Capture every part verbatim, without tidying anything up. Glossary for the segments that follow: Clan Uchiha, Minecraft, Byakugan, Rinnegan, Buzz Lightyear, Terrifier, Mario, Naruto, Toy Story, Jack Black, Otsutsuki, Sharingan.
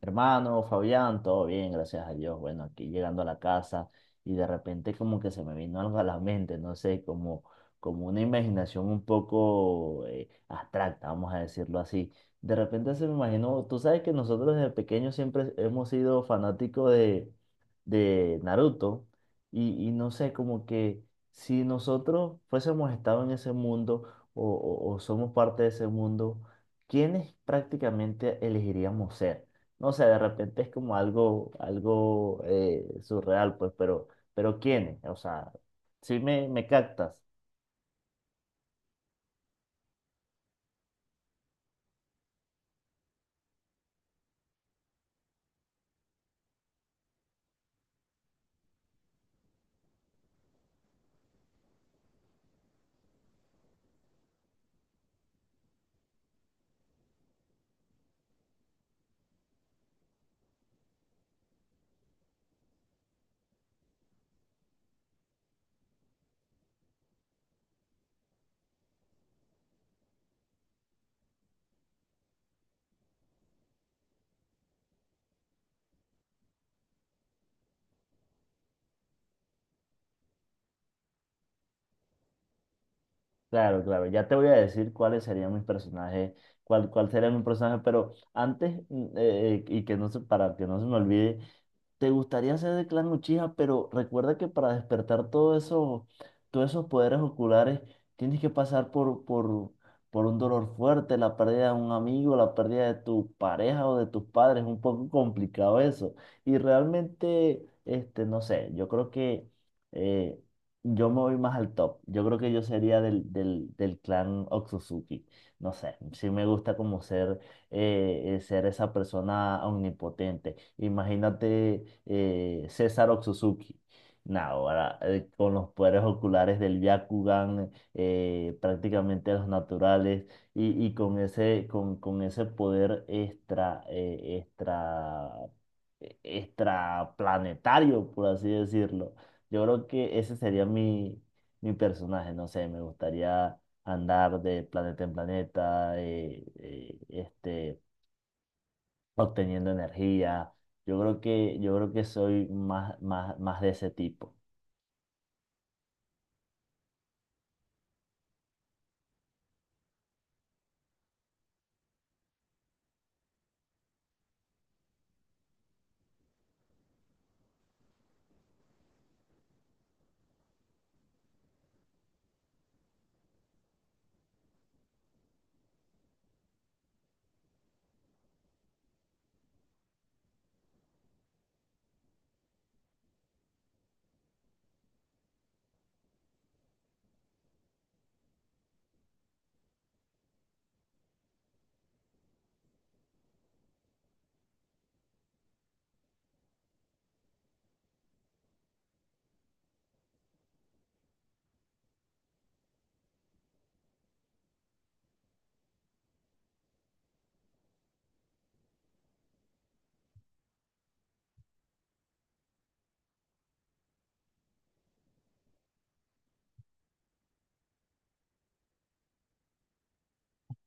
Hermano, Fabián, todo bien, gracias a Dios. Bueno, aquí llegando a la casa y de repente como que se me vino algo a la mente, no sé, como, como una imaginación un poco eh, abstracta, vamos a decirlo así. De repente se me imaginó, tú sabes que nosotros desde pequeños siempre hemos sido fanáticos de, de Naruto y, y no sé, como que si nosotros fuésemos estado en ese mundo o o- o somos parte de ese mundo, ¿quiénes prácticamente elegiríamos ser? No sé, de repente es como algo, algo eh, surreal, pues, pero, pero ¿quiénes? O sea, sí me, me captas. Claro, claro. Ya te voy a decir cuáles serían mis personajes, cuál, cuál sería mi personaje, pero antes, mm, eh, eh, y que no se, para que no se me olvide, ¿te gustaría ser de Clan Uchiha? Pero recuerda que para despertar todo eso, todos esos poderes oculares, tienes que pasar por, por, por un dolor fuerte, la pérdida de un amigo, la pérdida de tu pareja o de tus padres. Es un poco complicado eso. Y realmente, este, no sé, yo creo que eh, yo me voy más al top. Yo creo que yo sería del, del, del clan Otsutsuki. No sé, sí me gusta como ser, eh, eh, ser esa persona omnipotente. Imagínate eh, César Otsutsuki. Nah, ahora eh, con los poderes oculares del Byakugan, eh, prácticamente los naturales, y, y con ese, con, con ese poder extra, eh, extra, extra planetario, por así decirlo, yo creo que ese sería mi, mi personaje, no sé, me gustaría andar de planeta en planeta, eh, eh, este, obteniendo energía. Yo creo que, yo creo que soy más, más, más de ese tipo.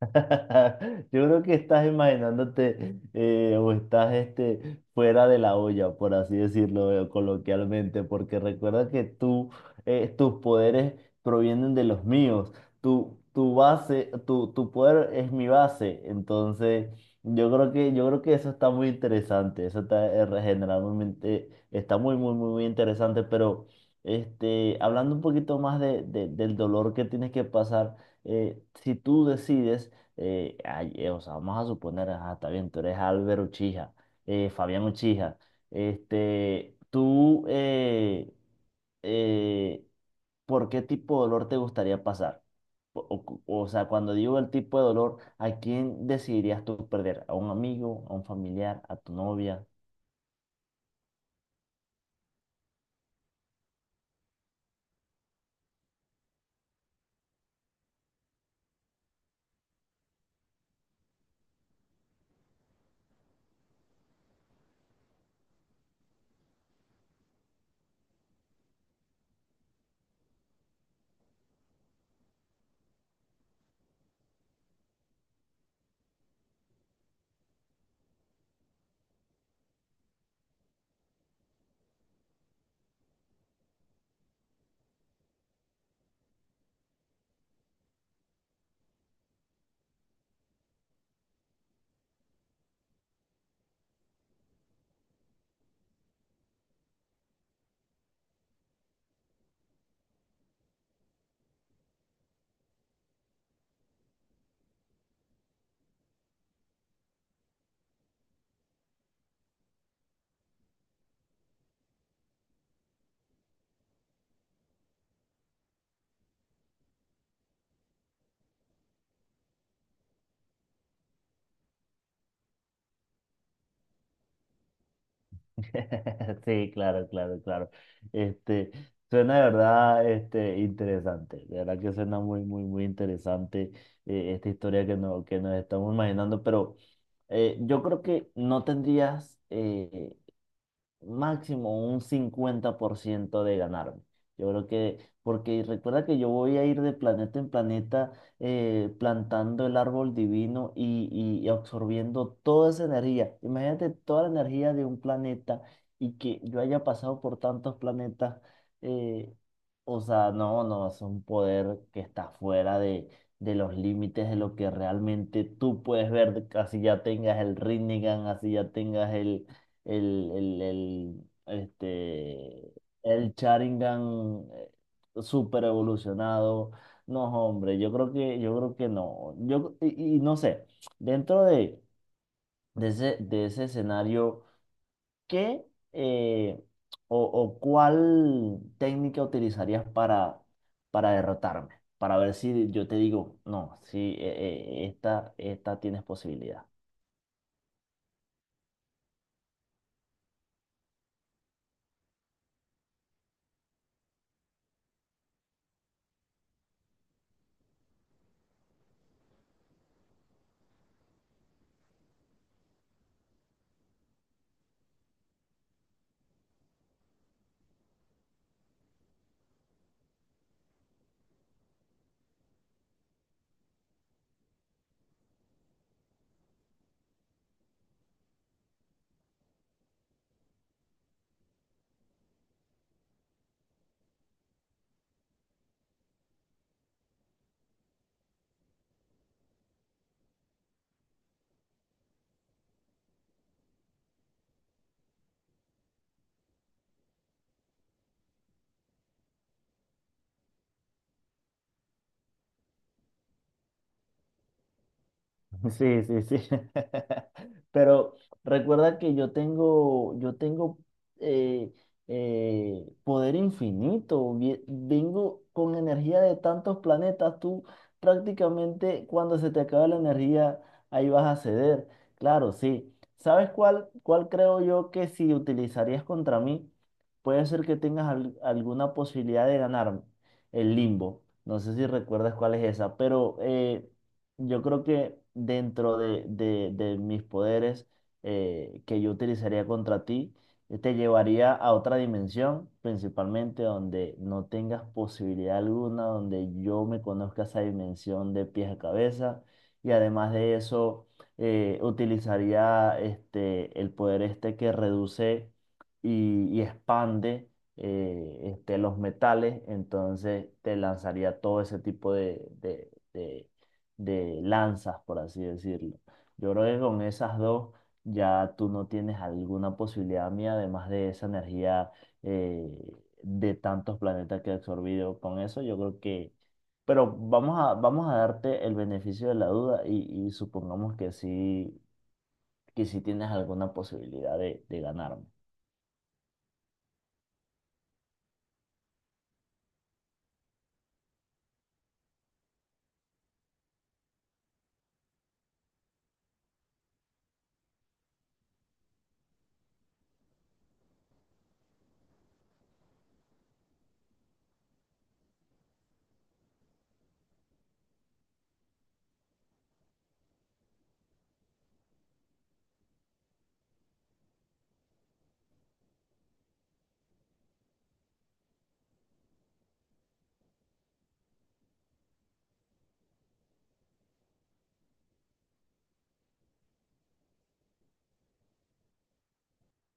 Yo creo que estás imaginándote eh, o estás este, fuera de la olla, por así decirlo, eh, coloquialmente, porque recuerda que tú, eh, tus poderes provienen de los míos. Tu, tu base, tu, tu poder es mi base. Entonces, yo creo que, yo creo que eso está muy interesante. Eso está eh, regeneralmente, está muy, muy, muy, muy interesante. Pero este, hablando un poquito más de, de- del dolor que tienes que pasar, eh, si tú decides eh, ay, eh, o sea, vamos a suponer, ajá, está bien, tú eres Álvaro Uchija, eh, Fabián Uchija, este, tú, eh, eh, ¿por qué tipo de dolor te gustaría pasar? O, o cu- o sea, cuando digo el tipo de dolor, ¿a quién decidirías tú perder? ¿A un amigo, a un familiar, a tu novia? Sí, claro, claro, claro. Este, suena de verdad, este, interesante. De verdad que suena muy, muy, muy interesante, eh, esta historia que, no, que nos estamos imaginando. Pero eh, yo creo que no tendrías, eh, máximo un cincuenta por ciento de ganarme. Yo creo que, porque recuerda que yo voy a ir de planeta en planeta, eh, plantando el árbol divino y, y- y absorbiendo toda esa energía. Imagínate toda la energía de un planeta y que yo haya pasado por tantos planetas. eh, o sea, no, no, es un poder que está fuera de, de los límites de lo que realmente tú puedes ver. Así ya tengas el Rinnegan, así ya tengas el el, el, el, este, el Sharingan, eh, super evolucionado. No, hombre, yo creo que, yo creo que no. Yo, y, y no sé, dentro de, de ese, de ese escenario, ¿qué eh, o, o cuál técnica utilizarías para, para derrotarme? Para ver si yo te digo, no, si esta, esta tienes posibilidad. Sí, sí, sí. Pero recuerda que yo tengo, yo tengo eh, eh, poder infinito. vie- Vengo con energía de tantos planetas. Tú prácticamente cuando se te acabe la energía, ahí vas a ceder. Claro, sí. ¿Sabes cuál, cuál creo yo que si utilizarías contra mí, puede ser que tengas al- alguna posibilidad de ganarme? El limbo. No sé si recuerdas cuál es esa, pero eh, yo creo que dentro de, de- de mis poderes, eh, que yo utilizaría contra ti, eh, te llevaría a otra dimensión, principalmente donde no tengas posibilidad alguna, donde yo me conozca esa dimensión de pies a cabeza. Y además de eso, eh, utilizaría este, el poder este que reduce y, y expande, eh, este, los metales. Entonces te lanzaría todo ese tipo de, de de lanzas, por así decirlo. Yo creo que con esas dos ya tú no tienes alguna posibilidad mía, además de esa energía eh, de tantos planetas que he absorbido. Con eso yo creo que... Pero vamos a, vamos a darte el beneficio de la duda y, y supongamos que sí, que sí tienes alguna posibilidad de, de ganarme.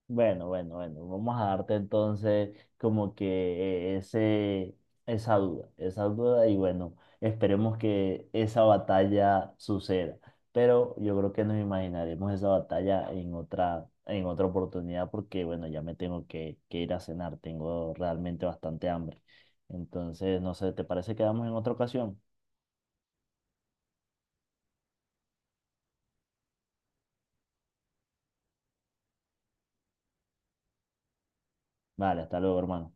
Bueno, bueno, bueno, vamos a darte entonces como que eh, ese, esa duda, esa duda y bueno, esperemos que esa batalla suceda, pero yo creo que nos imaginaremos esa batalla en otra, en otra oportunidad porque bueno, ya me tengo que, que ir a cenar, tengo realmente bastante hambre, entonces no sé, ¿te parece que quedamos en otra ocasión? Vale, hasta luego, hermano.